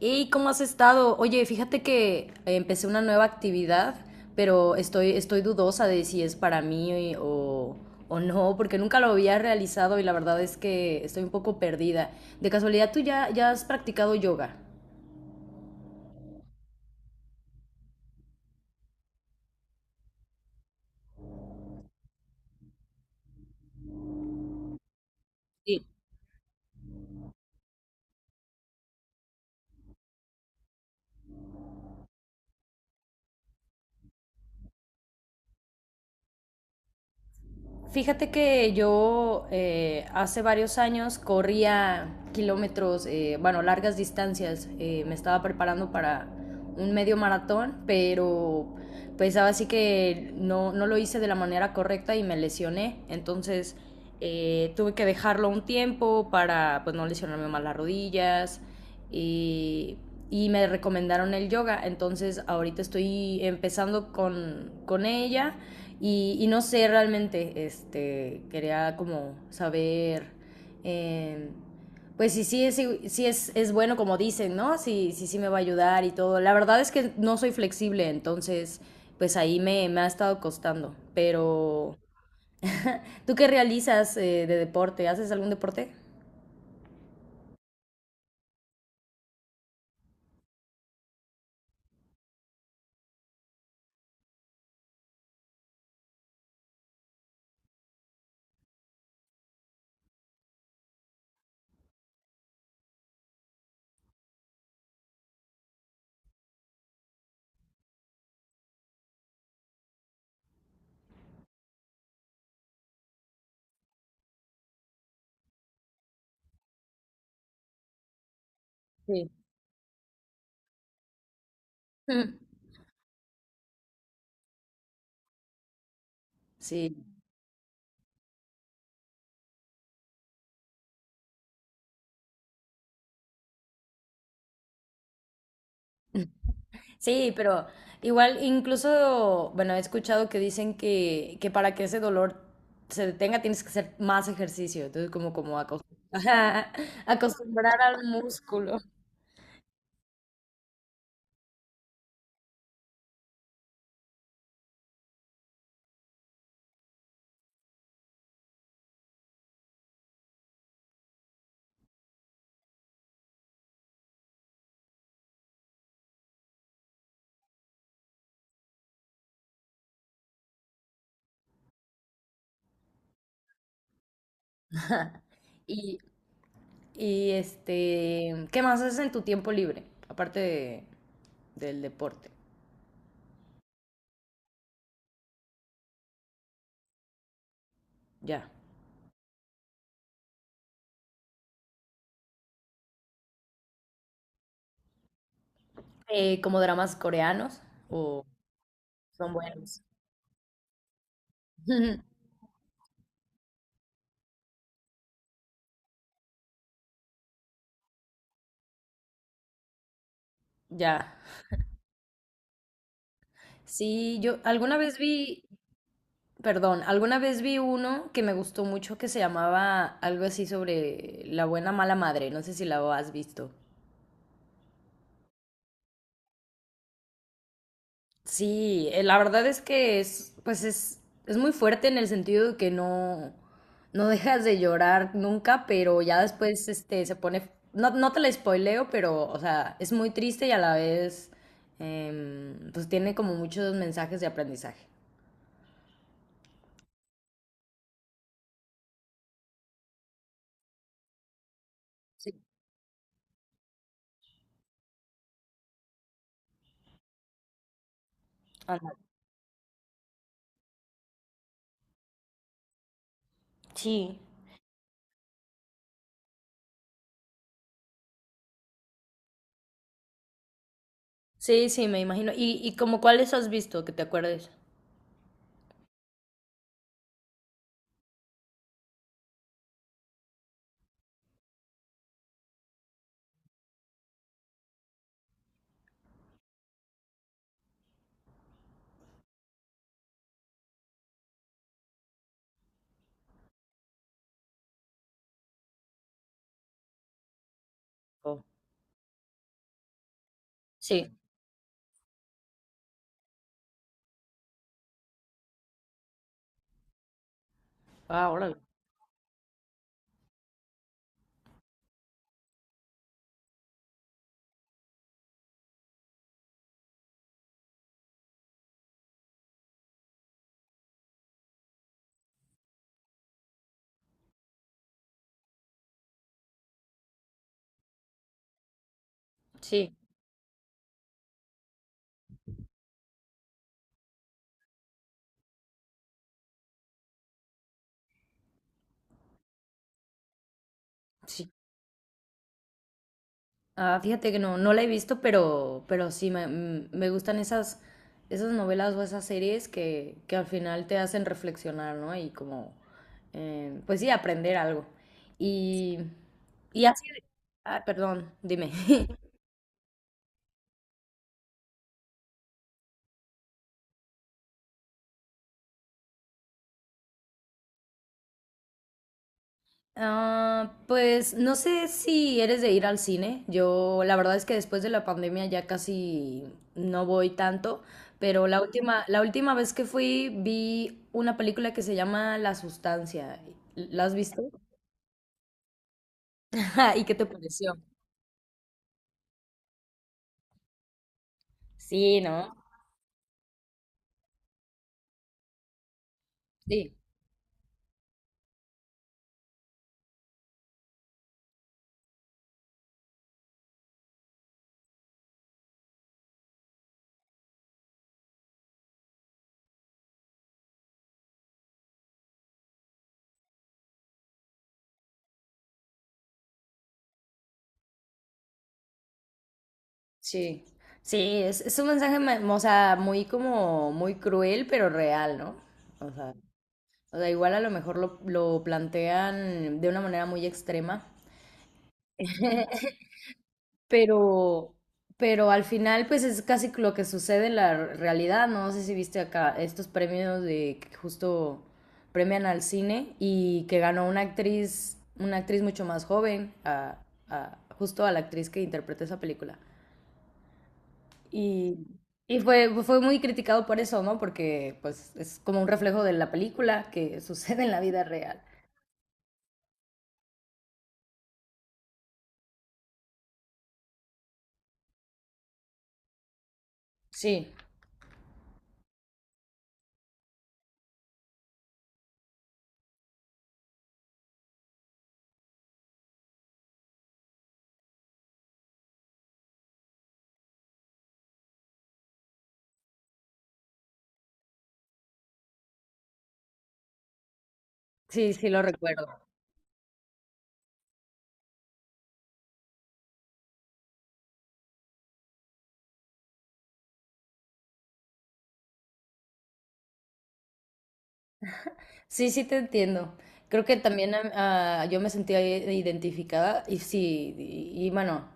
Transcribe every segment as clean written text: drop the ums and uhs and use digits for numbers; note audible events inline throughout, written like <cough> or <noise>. ¿Y cómo has estado? Oye, fíjate que empecé una nueva actividad, pero estoy dudosa de si es para mí o no, porque nunca lo había realizado y la verdad es que estoy un poco perdida. De casualidad, ¿tú ya has practicado yoga? Sí. Fíjate que yo hace varios años corría kilómetros, largas distancias. Me estaba preparando para un medio maratón, pero pues ahora sí que no lo hice de la manera correcta y me lesioné. Entonces tuve que dejarlo un tiempo para pues no lesionarme más las rodillas y, y me recomendaron el yoga. Entonces ahorita estoy empezando con ella y, no sé realmente, quería como saber... Eh, pues sí es bueno como dicen, ¿no? Sí me va a ayudar y todo. La verdad es que no soy flexible, entonces, pues ahí me ha estado costando. Pero, ¿tú qué realizas de deporte? ¿Haces algún deporte? Sí. Mm. Sí, sí, pero igual incluso, bueno, he escuchado que dicen que para que ese dolor se detenga tienes que hacer más ejercicio, entonces como acos- <laughs> acostumbrar al músculo. <laughs> Y, y este, ¿qué más haces en tu tiempo libre? Aparte de- del deporte, ya. ¿Eh, como dramas coreanos o son buenos? <laughs> Ya. Sí, yo alguna vez perdón, alguna vez vi uno que me gustó mucho que se llamaba algo así sobre la buena mala madre. No sé si la has visto. Sí, la verdad es que pues es muy fuerte en el sentido de que no dejas de llorar nunca, pero ya después se pone, no te la spoileo, pero, o sea, es muy triste y a la vez, pues tiene como muchos mensajes de aprendizaje. Sí. Ándale. Sí, sí, Me imagino. Y como cuáles has visto que te acuerdes? Oh. Sí, sí, sí. Ah, fíjate que no la he visto, pero sí me gustan esas, esas novelas o esas series que al final te hacen reflexionar, ¿no? Y como, pues sí, aprender algo. Y, y así, ah, perdón, dime. <laughs> Ah, pues no sé si eres de ir al cine. Yo la verdad es que después de la pandemia ya casi no voy tanto, pero la última vez que fui vi una película que se llama La Sustancia. ¿La has visto? <laughs> ¿Y qué te pareció? Sí, ¿no? Sí, sí. Sí, es un mensaje, ma- o sea, muy como, muy cruel, pero real, ¿no? O sea, o sea, igual a lo mejor lo plantean de una manera muy extrema. Pero, pero al final, pues es casi lo que sucede en la realidad, ¿no? No sé si viste acá estos premios de que justo premian al cine y que ganó una actriz mucho más joven, a- justo a la actriz que interpretó esa película. Y, y fue muy criticado por eso, ¿no? Porque pues es como un reflejo de la película que <laughs> sucede en la vida real. Sí, sí lo recuerdo. Sí, sí te entiendo. Creo que también yo me sentía i- identificada y sí, y bueno,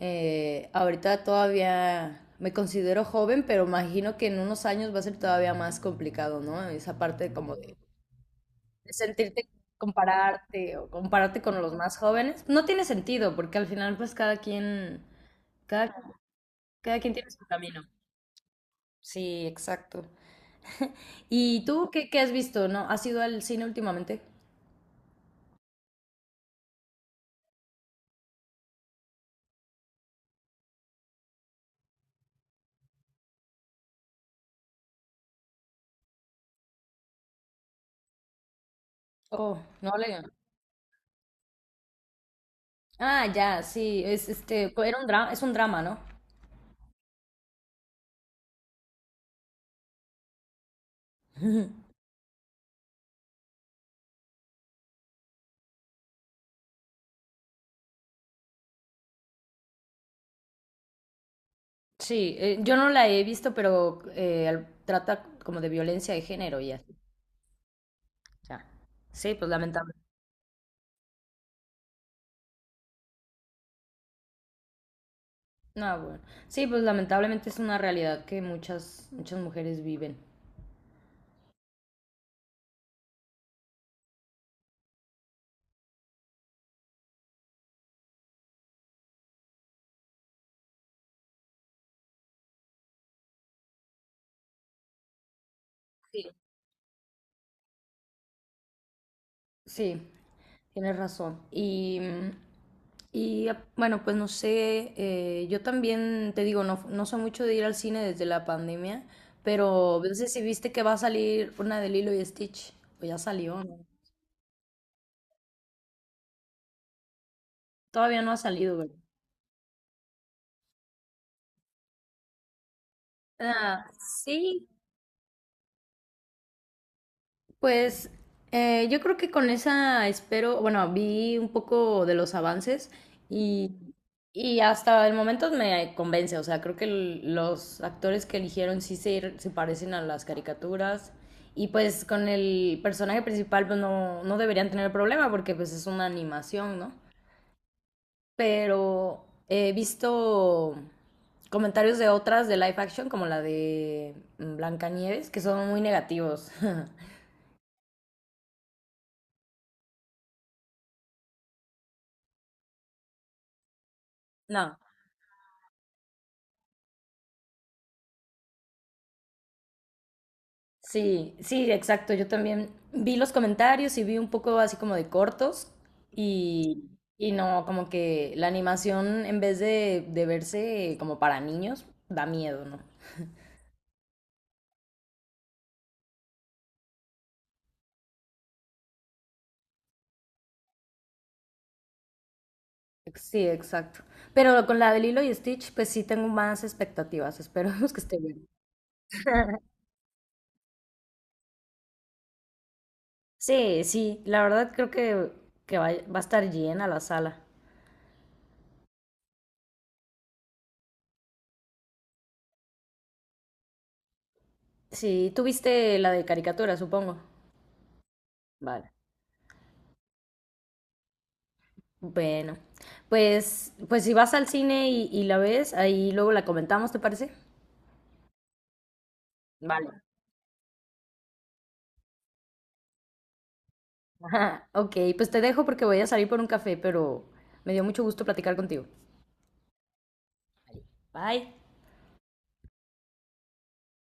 ahorita todavía me considero joven, pero imagino que en unos años va a ser todavía más complicado, ¿no? Esa parte como de sentirte, compararte con los más jóvenes. No tiene sentido, porque al final pues cada, cada quien tiene su camino. Sí, exacto. ¿Y tú qué has visto? ¿No? ¿Has ido al cine últimamente? Oh, no le... Ah, ya, sí, es es un drama, ¿no? Ujú. Sí, yo no la he visto, pero al- trata como de violencia de género y así. Ya. Sí, pues lamentable. No, bueno. Sí, pues lamentablemente es una realidad que muchas muchas mujeres viven. Sí, tienes razón. Y, y ah, bueno, pues no sé, yo también te digo, no, no soy mucho de ir al cine desde la pandemia, pero no sé si viste que va a salir una de Lilo y Stitch, o ya salió, ¿no? Todavía no ha salido, ¿verdad? Ah, sí. Pues yo creo que con esa espero, bueno, vi un poco de los avances y, y hasta el momento me convence, o sea, creo que el- los actores que eligieron sí se parecen a las caricaturas y pues con el personaje principal pues no deberían tener problema porque pues es una animación, ¿no? Pero he visto comentarios de otras de live action como la de Blancanieves que son muy negativos. <laughs> No. Sí, sí, exacto. Yo también vi los comentarios y vi un poco así como de cortos y, y no, como que la animación en vez de verse como para niños, da miedo, ¿no? Sí, exacto. Pero con la de Lilo y Stitch, pues sí tengo más expectativas. Esperemos que esté bien. Sí, la verdad creo que va a estar llena la sala. Sí, tú viste la de caricatura, supongo. Vale. Bueno, pues, pues si vas al cine y la ves, ahí luego la comentamos, ¿te parece? Vale. <laughs> Ajá. Ok, pues te dejo porque voy a salir por un café, pero me dio mucho gusto platicar contigo. Bye.